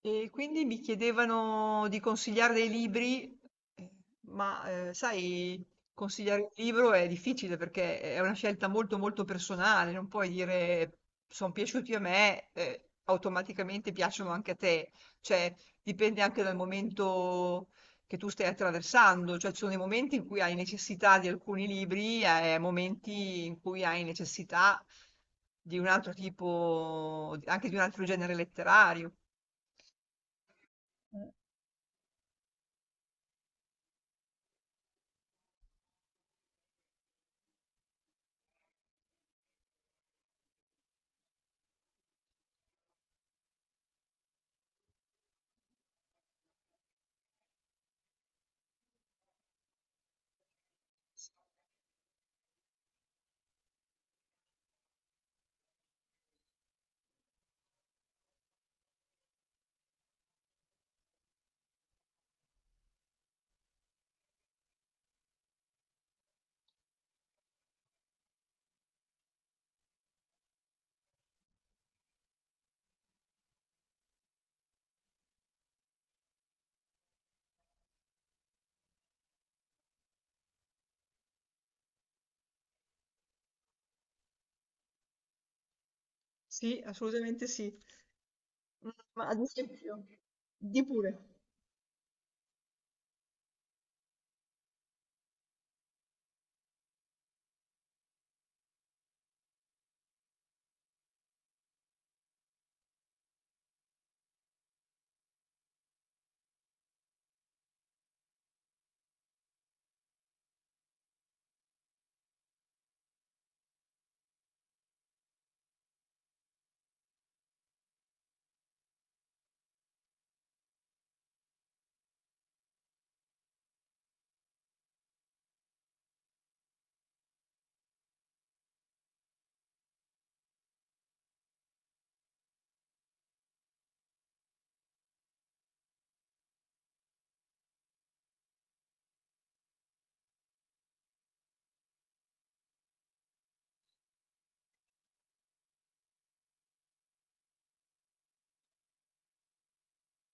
E quindi mi chiedevano di consigliare dei libri, eh, sai, consigliare un libro è difficile perché è una scelta molto molto personale. Non puoi dire sono piaciuti a me, automaticamente piacciono anche a te, cioè dipende anche dal momento che tu stai attraversando. Cioè ci sono dei momenti in cui hai necessità di alcuni libri e momenti in cui hai necessità di un altro tipo, anche di un altro genere letterario. Sì, assolutamente sì. Mm, ma ad esempio, di' pure.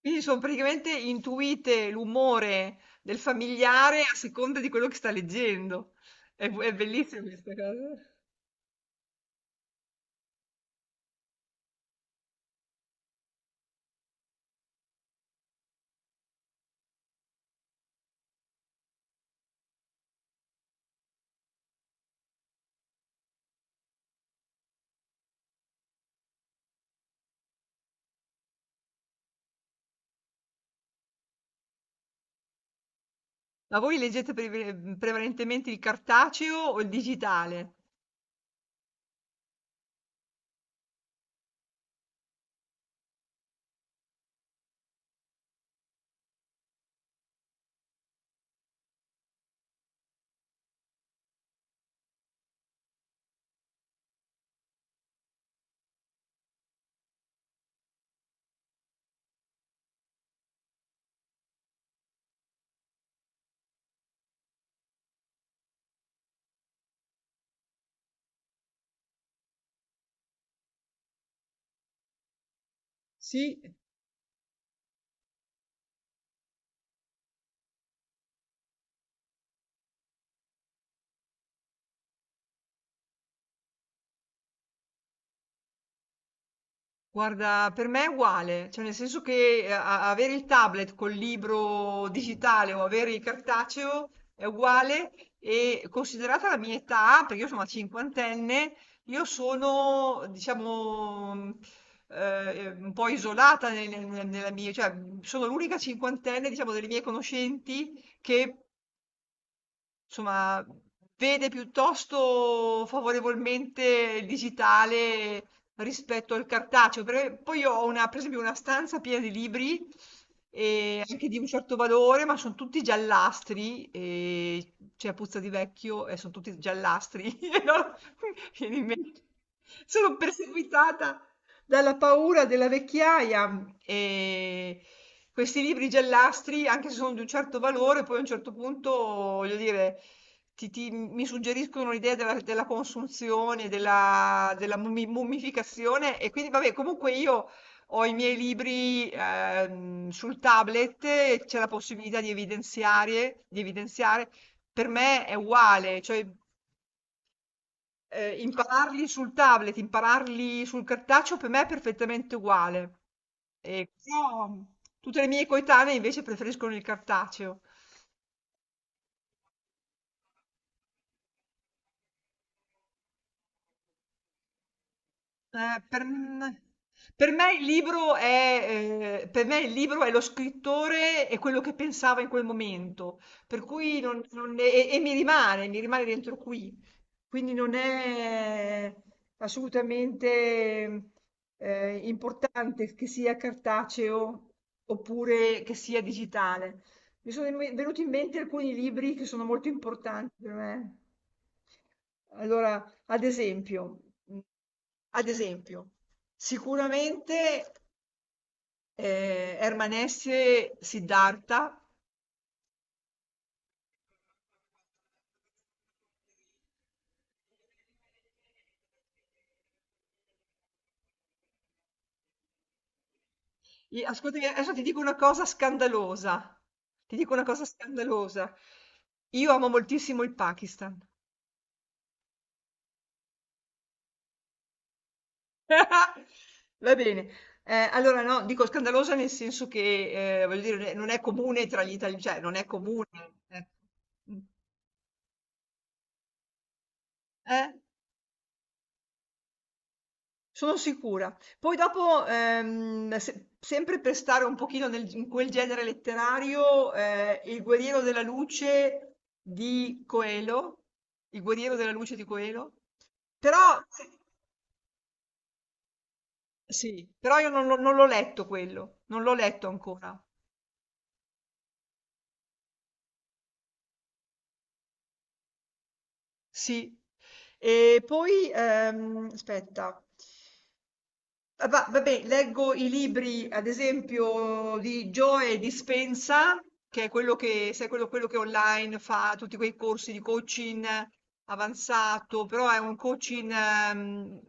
Quindi sono praticamente intuite l'umore del familiare a seconda di quello che sta leggendo. È, è bellissima questa cosa. Ma voi leggete prevalentemente il cartaceo o il digitale? Sì, guarda, per me è uguale, cioè nel senso che avere il tablet col libro digitale o avere il cartaceo è uguale. E considerata la mia età, perché io sono una cinquantenne, io sono, diciamo, un po' isolata nella mia, cioè sono l'unica cinquantenne, diciamo, delle mie conoscenti che insomma, vede piuttosto favorevolmente il digitale rispetto al cartaceo, perché poi io ho una, per esempio una stanza piena di libri, e anche di un certo valore, ma sono tutti giallastri, e c'è puzza di vecchio e sono tutti giallastri. E allora, viene in mente. Sono perseguitata dalla paura della vecchiaia. Questi libri giallastri, anche se sono di un certo valore, poi a un certo punto, voglio dire, ti ti mi suggeriscono l'idea della consunzione, della mummificazione. E quindi vabbè, comunque io ho i miei libri, sul tablet e c'è la possibilità di evidenziare. Per me è uguale, cioè impararli sul tablet, impararli sul cartaceo per me è perfettamente uguale. E però mm, tutte le mie coetanee invece preferiscono il cartaceo. Eh, per n per me il libro è lo scrittore e quello che pensava in quel momento, per cui non non e e mi rimane dentro qui. Quindi non è assolutamente, importante che sia cartaceo oppure che sia digitale. Mi sono in me venuti in mente alcuni libri che sono molto importanti per me. Allora ad esempio, mh, ad esempio, sicuramente Herman Hesse, Siddhartha. Ascoltami, adesso ti dico una cosa scandalosa. Ti dico una cosa scandalosa. Io amo moltissimo il Pakistan. Va bene. Allora, no, dico scandalosa nel senso che, voglio dire, non è comune tra gli italiani, cioè non è comune. Ecco. Mm. Eh? Sono sicura. Poi dopo, se sempre per stare un pochino nel in quel genere letterario, Il guerriero della luce di Coelho, Il guerriero della luce di Coelho, però sì, però io non l'ho letto quello, non l'ho letto ancora. Sì. E poi, aspetta. Ah, vabbè, leggo i libri, ad esempio, di Joe Dispenza, che è quello che, sai, quello che online fa tutti quei corsi di coaching avanzato, però è un coaching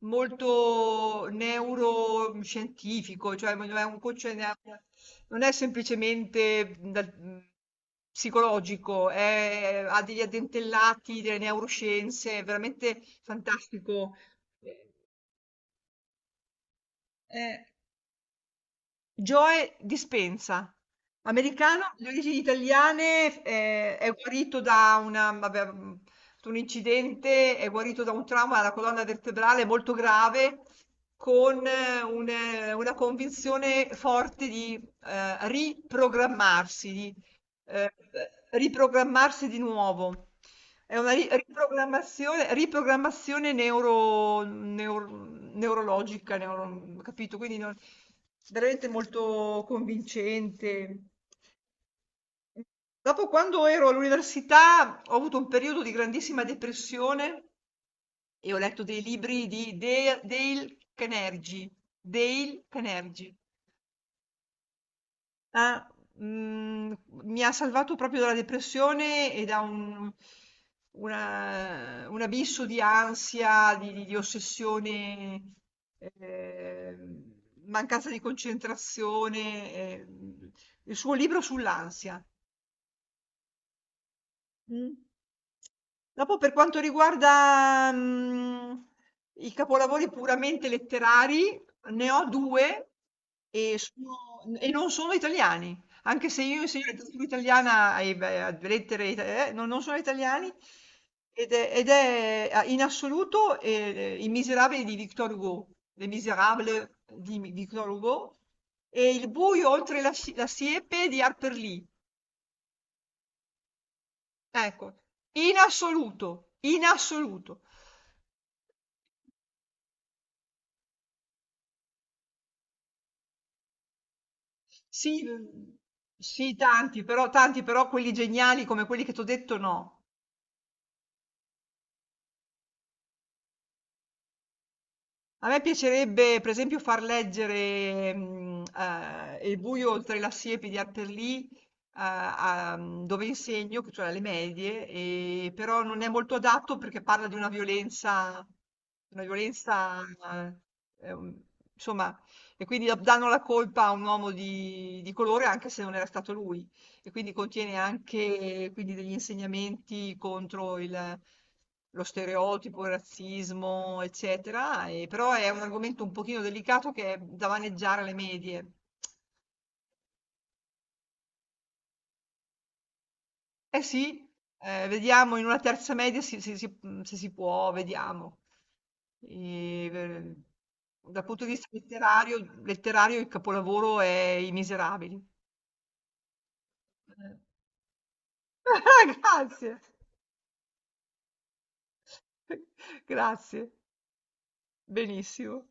molto neuroscientifico, cioè è un coaching, non è semplicemente psicologico, ha degli addentellati delle neuroscienze, è veramente fantastico. Eh, Joe Dispenza, americano di origini italiane, è guarito da vabbè, un incidente, è guarito da un trauma alla colonna vertebrale molto grave, con una convinzione forte di riprogrammarsi, di eh, riprogrammarsi di nuovo. È una ri riprogrammazione neurologica, neuro, capito? Quindi non, veramente molto convincente. Dopo quando ero all'università ho avuto un periodo di grandissima depressione e ho letto dei libri di Dea Dale Carnegie, Dale Carnegie. Ah, mhmm, mi ha salvato proprio dalla depressione e da un abisso di ansia, di ossessione, ehm, mancanza di concentrazione, il suo libro sull'ansia. Mh. Dopo per quanto riguarda, mhmm, i capolavori puramente letterari, ne ho 2 e sono n e non sono italiani, anche se io insegno letteratura italiana e beh, a lettere ita no, non sono italiani ed è a in assoluto, I Misérables di Victor Hugo, Les Misérables di Mi Victor Hugo e Il buio oltre la siepe di Harper Lee. Ecco, in assoluto, in assoluto. Sì, mhmm, sì tanti, però quelli geniali come quelli che t'ho detto no. A me piacerebbe, per esempio, far leggere Il buio oltre la siepe di Harper Lee, dove insegno, cioè alle medie, però non è molto adatto perché parla di una violenza, eh, ehm, insomma, e quindi danno la colpa a un uomo di colore anche se non era stato lui. E quindi contiene anche quindi, degli insegnamenti contro lo stereotipo, il razzismo, eccetera. E, però è un argomento un pochino delicato che è da maneggiare alle medie. Eh sì, vediamo in una terza media se si può, vediamo. E, eh, Dal punto di vista letterario, letterario il capolavoro è I Miserabili. Eh. Grazie, grazie, benissimo.